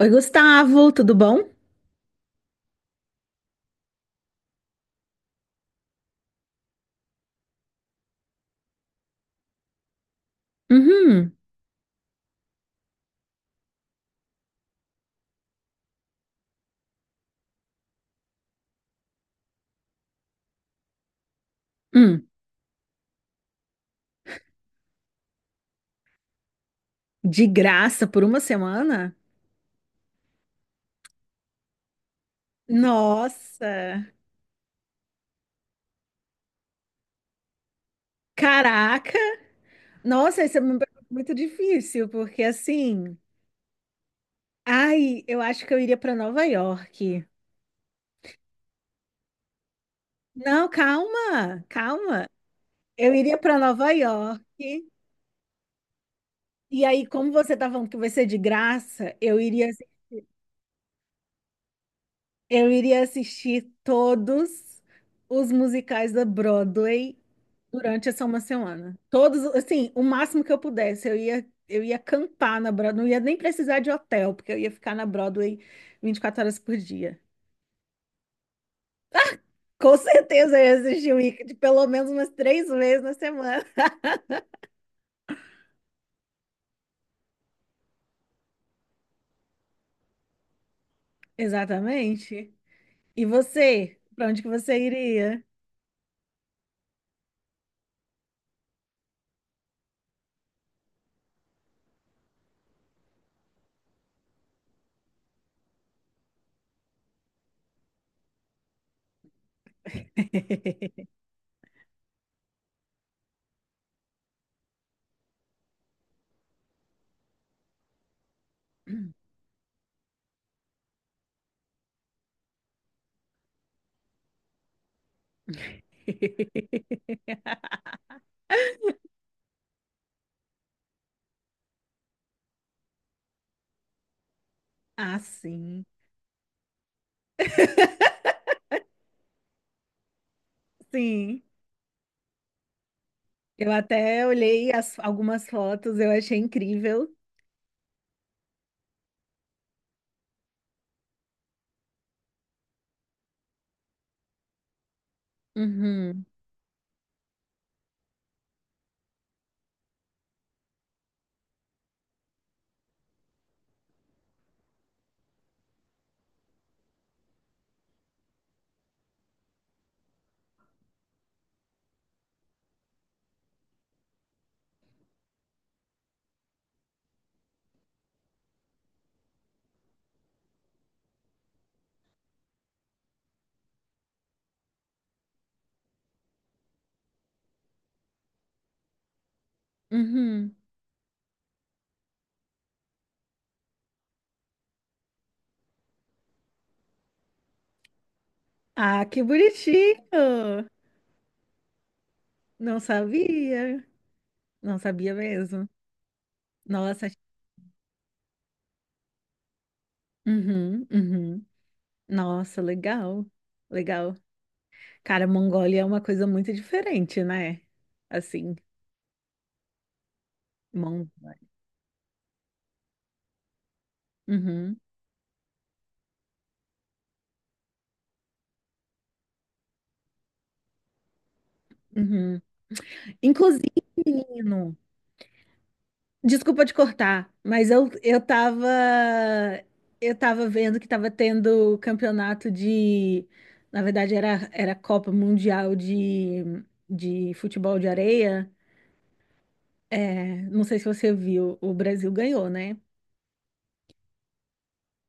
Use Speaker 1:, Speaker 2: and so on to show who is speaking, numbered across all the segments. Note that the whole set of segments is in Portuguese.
Speaker 1: Oi, Gustavo, tudo bom? Uhum. Hum. De graça por uma semana? Nossa, caraca! Nossa, isso é uma pergunta muito difícil, porque assim, ai, eu acho que eu iria para Nova York. Não, calma, calma. Eu iria para Nova York. E aí, como você tá falando que vai ser de graça, eu iria assistir todos os musicais da Broadway durante essa uma semana. Todos, assim, o máximo que eu pudesse, eu ia acampar na Broadway, não ia nem precisar de hotel, porque eu ia ficar na Broadway 24 horas por dia. Com certeza eu ia assistir o Wicked pelo menos umas três vezes na semana. Exatamente. E você? Pra onde que você iria? Ah, sim. Sim. Eu até olhei as- Algumas fotos, eu achei incrível. Uhum. Uhum. Ah, que bonitinho! Não sabia, não sabia mesmo. Nossa, uhum, uhum. Nossa, legal, legal. Cara, Mongólia é uma coisa muito diferente, né? Assim, Mon... uhum, uhum. Inclusive, menino, desculpa te cortar, mas eu tava, eu tava vendo que tava tendo campeonato de, na verdade era Copa Mundial de futebol de areia. É, não sei se você viu, o Brasil ganhou, né?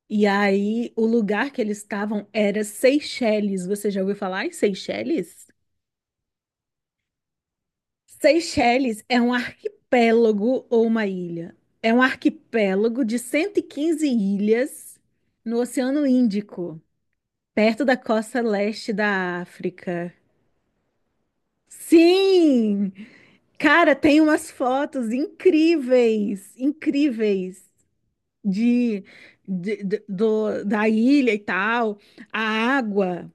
Speaker 1: E aí, o lugar que eles estavam era Seychelles. Você já ouviu falar em Seychelles? Seychelles é um arquipélago ou uma ilha. É um arquipélago de 115 ilhas no Oceano Índico, perto da costa leste da África. Sim! Cara, tem umas fotos incríveis, incríveis. de, Da ilha e tal. A água,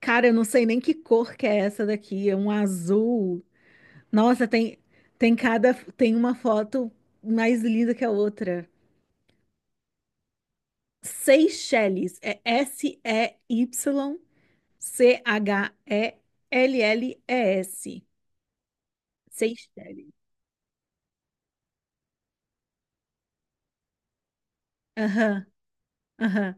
Speaker 1: cara, eu não sei nem que cor que é essa daqui, é um azul. Nossa, tem uma foto mais linda que a outra. Seychelles é S-E-Y-C-H-E-L-L-E-S. Seychelles. Aham, aham.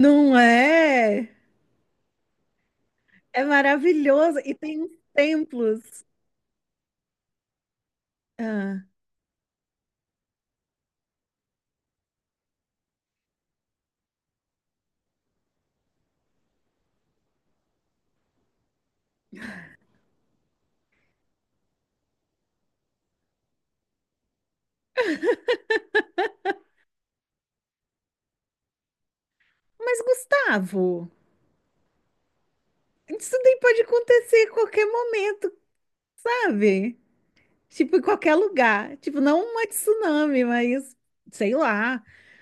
Speaker 1: Não é? É maravilhoso e tem uns templos. Ah, mas Gustavo, isso daí pode acontecer a qualquer momento, sabe? Tipo, em qualquer lugar. Tipo, não uma tsunami, mas sei lá,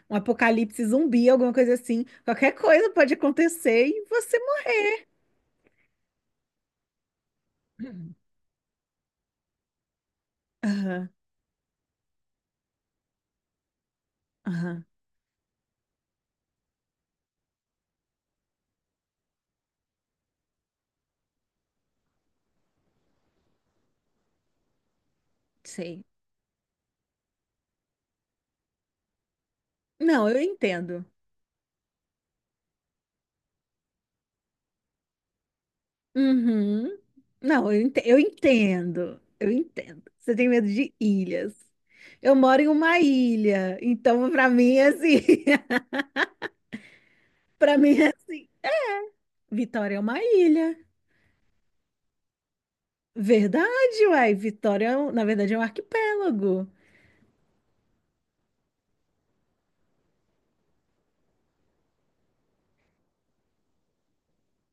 Speaker 1: um apocalipse zumbi, alguma coisa assim. Qualquer coisa pode acontecer e você. Morre. Aham, aham, sei. Não, eu entendo. Uhum. Não, eu ente- Eu entendo. Eu entendo. Você tem medo de ilhas. Eu moro em uma ilha, então pra mim é assim. Pra mim é assim. Vitória é uma ilha. Verdade, uai. Na verdade, é um arquipélago.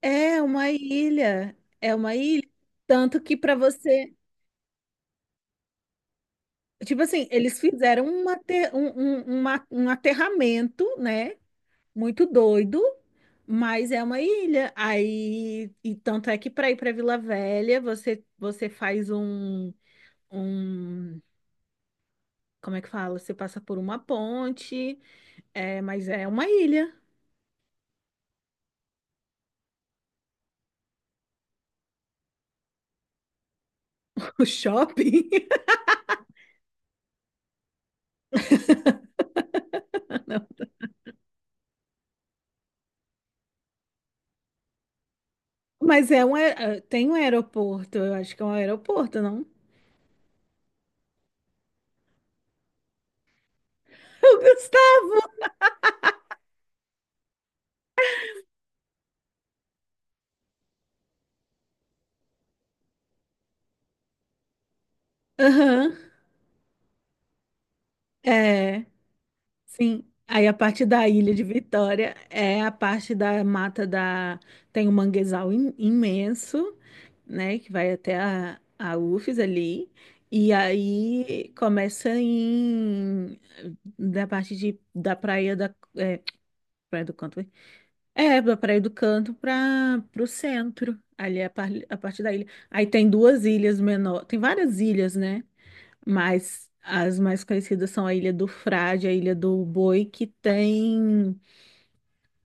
Speaker 1: É uma ilha. É uma ilha. Tanto que para você. Tipo assim, eles fizeram um, ate- um, uma- um aterramento, né? Muito doido, mas é uma ilha. Aí, e tanto é que para ir para Vila Velha, você faz um, um. Como é que fala? Você passa por uma ponte, é, mas é uma ilha. O shopping. Tem um aeroporto, eu acho que é um aeroporto, não? O Gustavo! Aham, é, sim. Aí a parte da Ilha de Vitória é a parte da mata da... Tem um manguezal im- imenso, né, que vai até a UFES ali. E aí começa em... da praia da... é, praia do Canto. É, para ir do canto para o centro, a parte da ilha. Aí tem duas ilhas menor, tem várias ilhas, né? Mas as mais conhecidas são a Ilha do Frade, a Ilha do Boi, que tem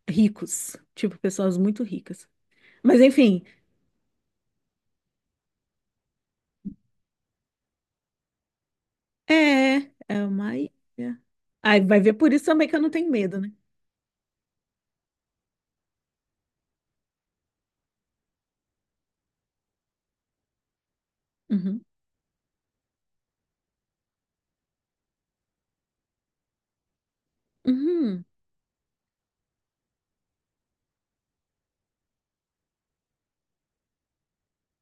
Speaker 1: ricos, tipo pessoas muito ricas. Mas enfim, é, é uma ilha. Aí vai ver por isso também que eu não tenho medo, né? Uhum. Uhum.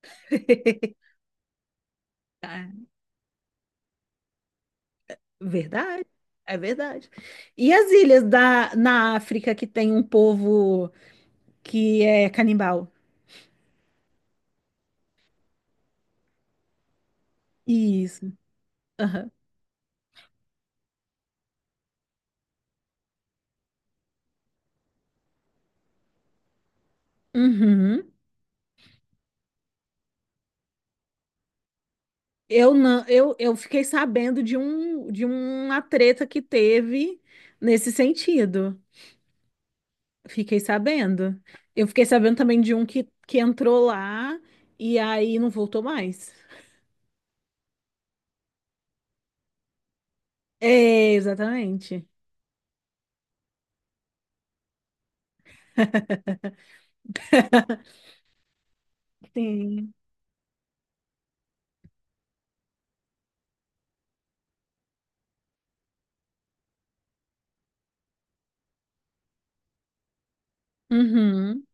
Speaker 1: Ah, verdade, é verdade. E as ilhas da, na África que tem um povo que é canibal. Isso. Aham. Uhum. Eu não, eu fiquei sabendo de um de uma treta que teve nesse sentido. Fiquei sabendo. Eu fiquei sabendo também de um que entrou lá e aí não voltou mais. É, exatamente. Sim. Uhum.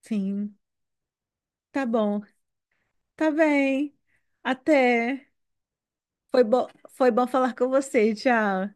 Speaker 1: Sim. Tá bom. Tá bem. Até. Foi bom falar com você. Tchau.